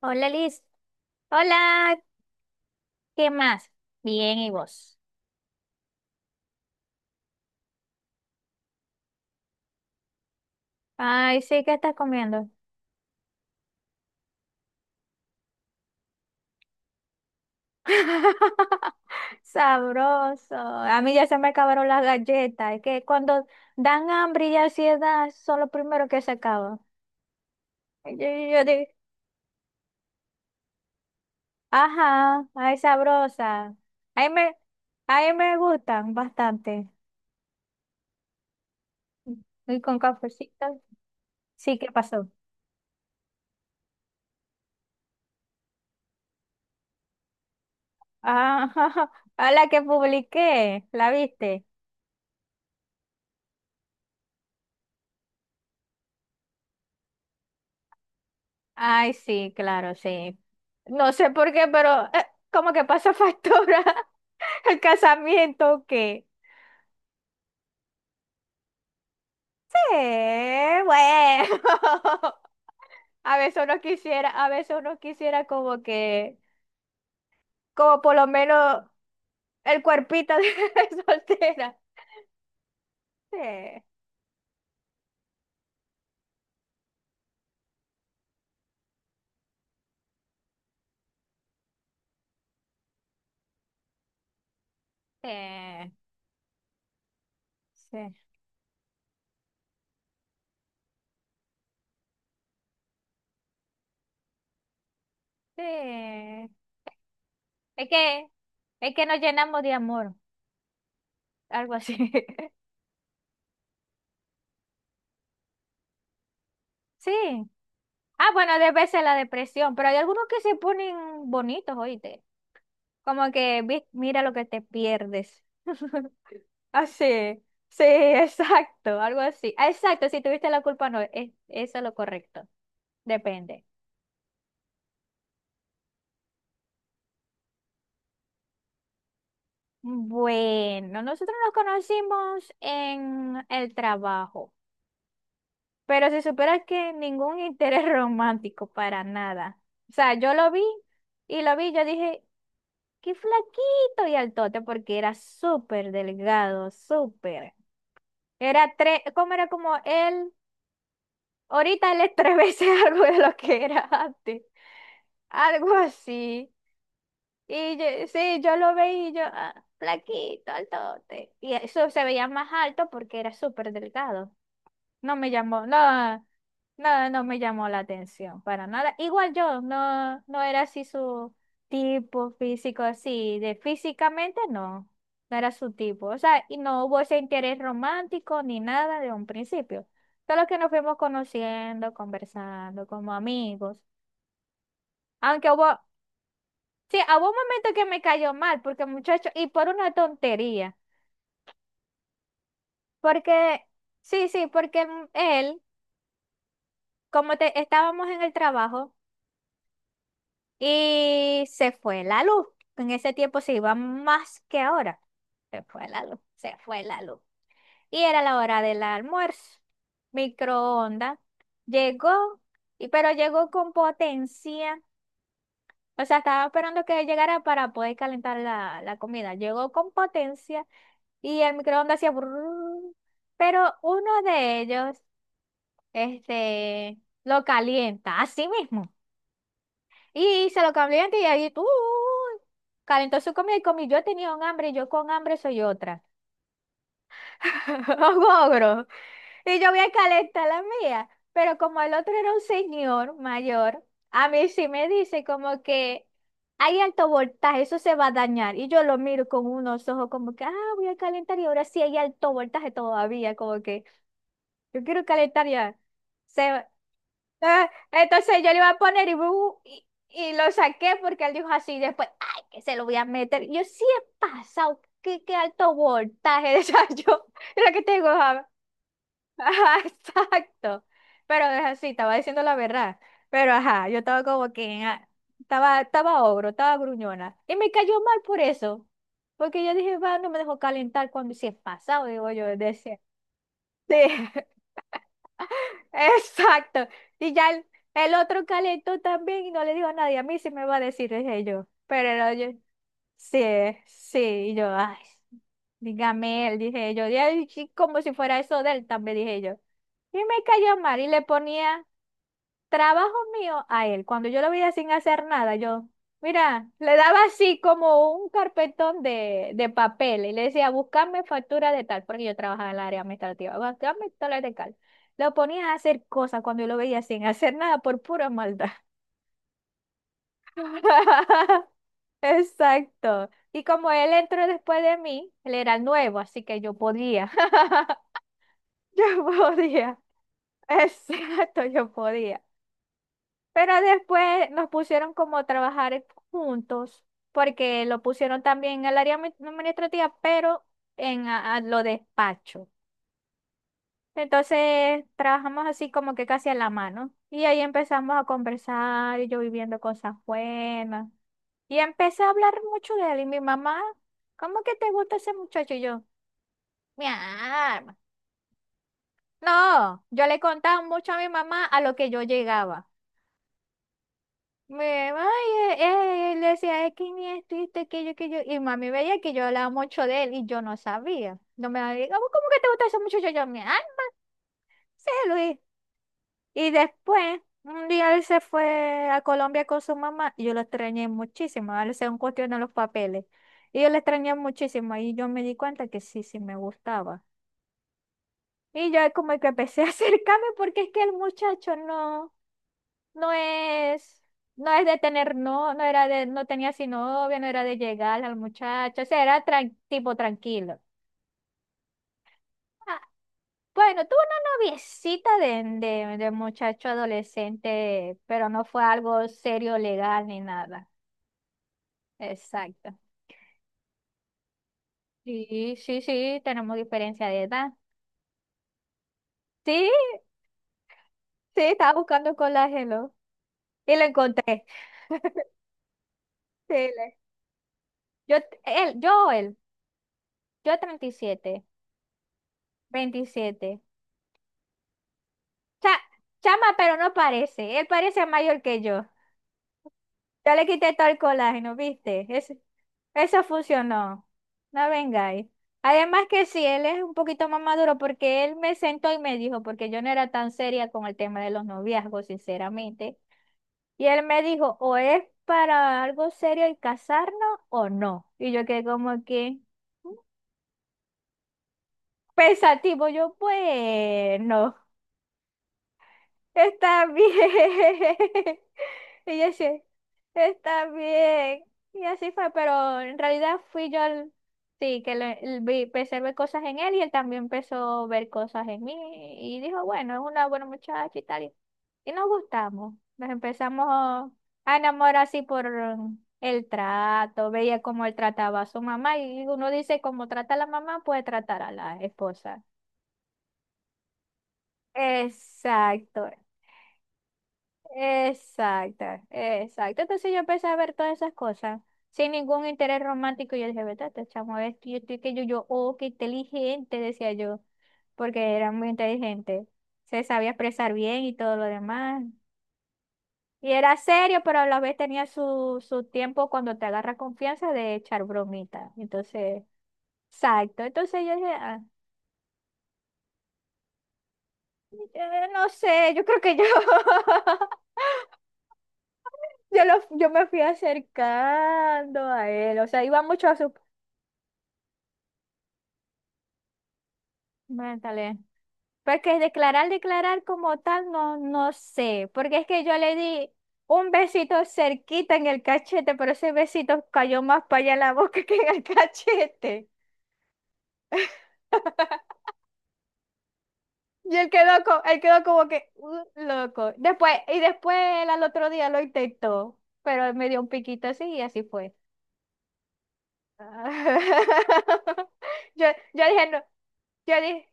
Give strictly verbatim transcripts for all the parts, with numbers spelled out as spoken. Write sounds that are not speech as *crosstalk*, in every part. Hola Liz, hola, ¿qué más? Bien, ¿y vos? Ay, sí, ¿qué estás comiendo? *laughs* Sabroso. A mí ya se me acabaron las galletas. Es que cuando dan hambre y ansiedad son los primeros que se acaban. Y Yo, yo digo. Ajá. Ay, sabrosa. Ahí me, ahí me gustan bastante. Y con cafecito. Sí, ¿qué pasó? Ah, *laughs* a la que publiqué, ¿la viste? Ay, sí, claro, sí. No sé por qué, pero eh, como que pasa factura *laughs* el casamiento que... Sí, bueno. *laughs* A veces uno quisiera, a veces uno quisiera como que, como por lo menos el cuerpito de *laughs* soltera. Sí, sí, sí, sí. Es que, es que nos llenamos de amor, algo así. *laughs* Sí. Ah, bueno, debe ser la depresión, pero hay algunos que se ponen bonitos, oíste. Como que "Vi- mira lo que te pierdes". *laughs* Así, sí, exacto, algo así. Ah, exacto, si tuviste la culpa, no, es, eso es lo correcto. Depende. Bueno, nosotros nos conocimos en el trabajo. Pero si supieras que ningún interés *laughs* romántico para nada. O sea, yo lo vi y lo vi, yo dije, qué flaquito y altote, porque era súper delgado, súper. Era tres, ¿cómo era como él? Ahorita él es tres veces *laughs* algo de lo que era antes. Algo así. Y yo- sí, yo lo veía y yo, ah, flaquito, altote. Y eso se veía más alto porque era súper delgado. No me llamó, no, no, no me llamó la atención para nada. Igual yo, no, no era así su tipo físico, así, de físicamente no, no era su tipo. O sea, y no hubo ese interés romántico ni nada de un principio. Solo que nos fuimos conociendo, conversando como amigos. Aunque hubo, sí, hubo un momento que me cayó mal, porque muchacho, y por una tontería, porque, sí, sí, porque él, como te, estábamos en el trabajo. Y se fue la luz. En ese tiempo se iba más que ahora. Se fue la luz, se fue la luz. Y era la hora del almuerzo. Microondas. Llegó, y, pero llegó con potencia. O sea, estaba esperando que llegara para poder calentar la, la comida. Llegó con potencia y el microondas hacía brrrr. Pero uno de ellos, este, lo calienta, así mismo. Y se lo cambió y ahí tú calentó su comida y comí. Yo tenía un hambre y yo con hambre soy otra. *laughs* Un ogro. Y yo voy a calentar la mía. Pero como el otro era un señor mayor, a mí sí me dice como que hay alto voltaje, eso se va a dañar. Y yo lo miro con unos ojos como que, ah, voy a calentar y ahora sí hay alto voltaje todavía, como que. Yo quiero calentar ya. Se- Ah, Entonces yo le iba a poner y, bu- y, y lo saqué porque él dijo así. Y después, ay, que se lo voy a meter. Yo sí he pasado. Qué, qué alto voltaje. *laughs* O sea, yo, es lo que te digo. Ajá, ajá, *laughs* exacto. Pero es así, estaba diciendo la verdad. Pero ajá, yo estaba como que. ah, Estaba, estaba ogro, estaba gruñona. Y me cayó mal por eso. Porque yo dije, va, no me dejó calentar cuando sí he pasado, digo yo, decía. Sí. *laughs* Exacto. Y ya el, el otro calentó también y no le dijo a nadie. A mí sí me va a decir, dije yo. Pero era yo, sí, sí. Y yo, ay, dígame él, dije yo. Y él, sí, como si fuera eso de él, también dije yo. Y me cayó mal y le ponía trabajo mío a él. Cuando yo lo veía sin hacer nada, yo, mira, le daba así como un carpetón de, de papel y le decía, buscame factura de tal, porque yo trabajaba en el área administrativa, buscame dólares de tal. Lo ponía a hacer cosas cuando yo lo veía sin hacer nada por pura maldad. *laughs* Exacto. Y como él entró después de mí, él era el nuevo, así que yo podía. *laughs* Yo podía. Exacto, yo podía. Pero después nos pusieron como a trabajar juntos, porque lo pusieron también en el área admi- administrativa, pero en a- a lo despacho. Entonces trabajamos así como que casi a la mano. Y ahí empezamos a conversar, y yo viviendo cosas buenas. Y empecé a hablar mucho de él. Y mi mamá, ¿cómo que te gusta ese muchacho? Y yo, mi alma. No, yo le contaba mucho a mi mamá a lo que yo llegaba. Me, ay, eh, eh", él decía, es que ni esto, y esto, aquello, aquello. Y mami veía que yo hablaba mucho de él y yo no sabía. No me había "¿Cómo cómo que te gusta eso mucho?". Yo, yo, me, ah, sí, Luis. Y después, un día él se fue a Colombia con su mamá y yo lo extrañé muchísimo. Él se cuestión a los papeles. Y yo lo extrañé muchísimo y yo me di cuenta que sí, sí me gustaba. Y yo como que empecé a *laughs* acercarme porque es que el muchacho no. no es, no es de tener, no, no era de, no tenía así novia, no era de llegar al muchacho, o sea, era tran- tipo tranquilo. Ah, bueno, tuvo una noviecita de, de, de muchacho adolescente, pero no fue algo serio, legal ni nada. Exacto. Sí, sí, sí, tenemos diferencia de edad. Sí, sí, estaba buscando colágeno y lo encontré. *laughs* Sí, le- yo, él, yo, él, yo treinta y siete, veintisiete. Cha- chama, pero no parece. Él parece mayor que yo. Ya le quité todo el colágeno, ¿viste? Es- eso funcionó. No vengáis. Además que sí, él es un poquito más maduro porque él me sentó y me dijo, porque yo no era tan seria con el tema de los noviazgos, sinceramente. Y él me dijo, o es para algo serio el casarnos o no. Y yo quedé como que pensativo, yo, bueno. Está bien. *laughs* Y yo sí, está bien. Y así fue, pero en realidad fui yo, el- sí, que le- el- vi, empecé a ver cosas en él y él también empezó a ver cosas en mí y dijo, bueno, es una buena muchacha y tal. Y, y nos gustamos, nos empezamos a a enamorar así por um, el trato, veía cómo él trataba a su mamá y uno dice, como trata a la mamá, puede tratar a la esposa. Exacto. Exacto, exacto. Entonces yo empecé a ver todas esas cosas sin ningún interés romántico. Yo dije, vete, este chamo, es que yo estoy que yo, yo, oh, qué inteligente, decía yo, porque era muy inteligente. Se sabía expresar bien y todo lo demás. Y era serio, pero a la vez tenía su, su tiempo cuando te agarra confianza de echar bromita. Entonces, exacto. Entonces yo dije, ah, eh, no sé, yo creo que yo. *laughs* Yo, lo- yo me fui acercando a él, o sea, iba mucho a sus. Métale. Porque declarar, declarar como tal, no, no sé. Porque es que yo le di un besito cerquita en el cachete, pero ese besito cayó más para allá en la boca *laughs* que en el cachete. *laughs* Y él quedó, co- él quedó como que "Uh, loco". Después, y después él al otro día lo intentó, pero él me dio un piquito así y así fue. *laughs* Yo, yo dije, no, yo dije,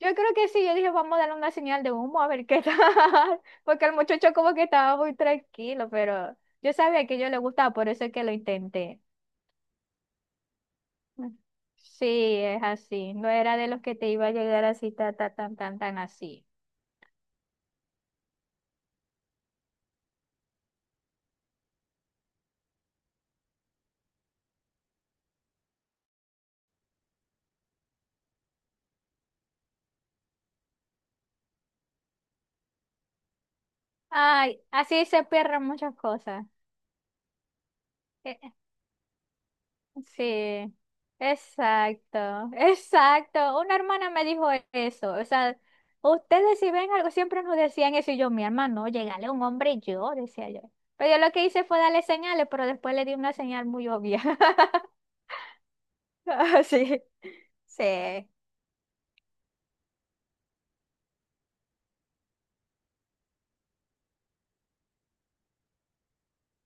yo creo que sí, yo dije, vamos a darle una señal de humo a ver qué tal, *laughs* porque el muchacho como que estaba muy tranquilo, pero yo sabía que yo le gustaba, por eso es que lo intenté. Sí, es así, no era de los que te iba a llegar así, ta, ta, tan, tan, tan así. Ay, así se pierden muchas cosas. Eh, Sí, exacto, exacto. Una hermana me dijo eso. O sea, ustedes si ven algo, siempre nos decían eso. Y yo, mi hermano, llegale a un hombre y yo, decía yo. Pero yo lo que hice fue darle señales, pero después le di una señal muy obvia. *laughs* Ah, sí, sí.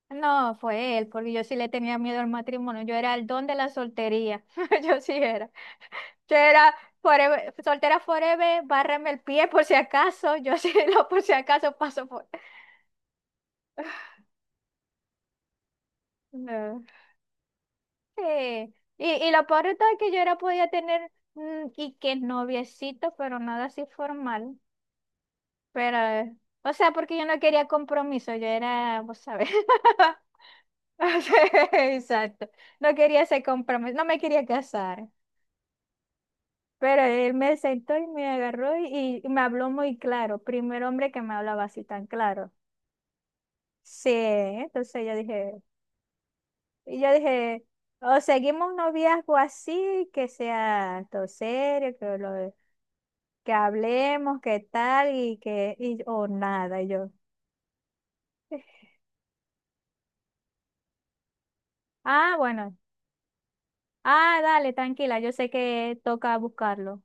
No, fue él, porque yo sí le tenía miedo al matrimonio. Yo era el don de la soltería. *laughs* Yo sí era. Yo era forever- soltera forever, bárrame el pie por si acaso. Yo sí, *laughs* lo por si acaso paso por. No. Sí, y, y lo peor de todo es que yo era podía tener mm, y que noviecito, pero nada así formal. Pero, eh, o sea, porque yo no quería compromiso, yo era, vos sabés. *laughs* Sí, exacto. No quería ese compromiso, no me quería casar. Pero él me sentó y me agarró y, y me habló muy claro. Primer hombre que me hablaba así tan claro. Sí, entonces yo dije, y yo dije, o seguimos un noviazgo así, que sea todo serio, que lo, que hablemos, qué tal y que, y, o nada, y yo. "Eh". Ah, bueno. Ah, dale, tranquila, yo sé que toca buscarlo.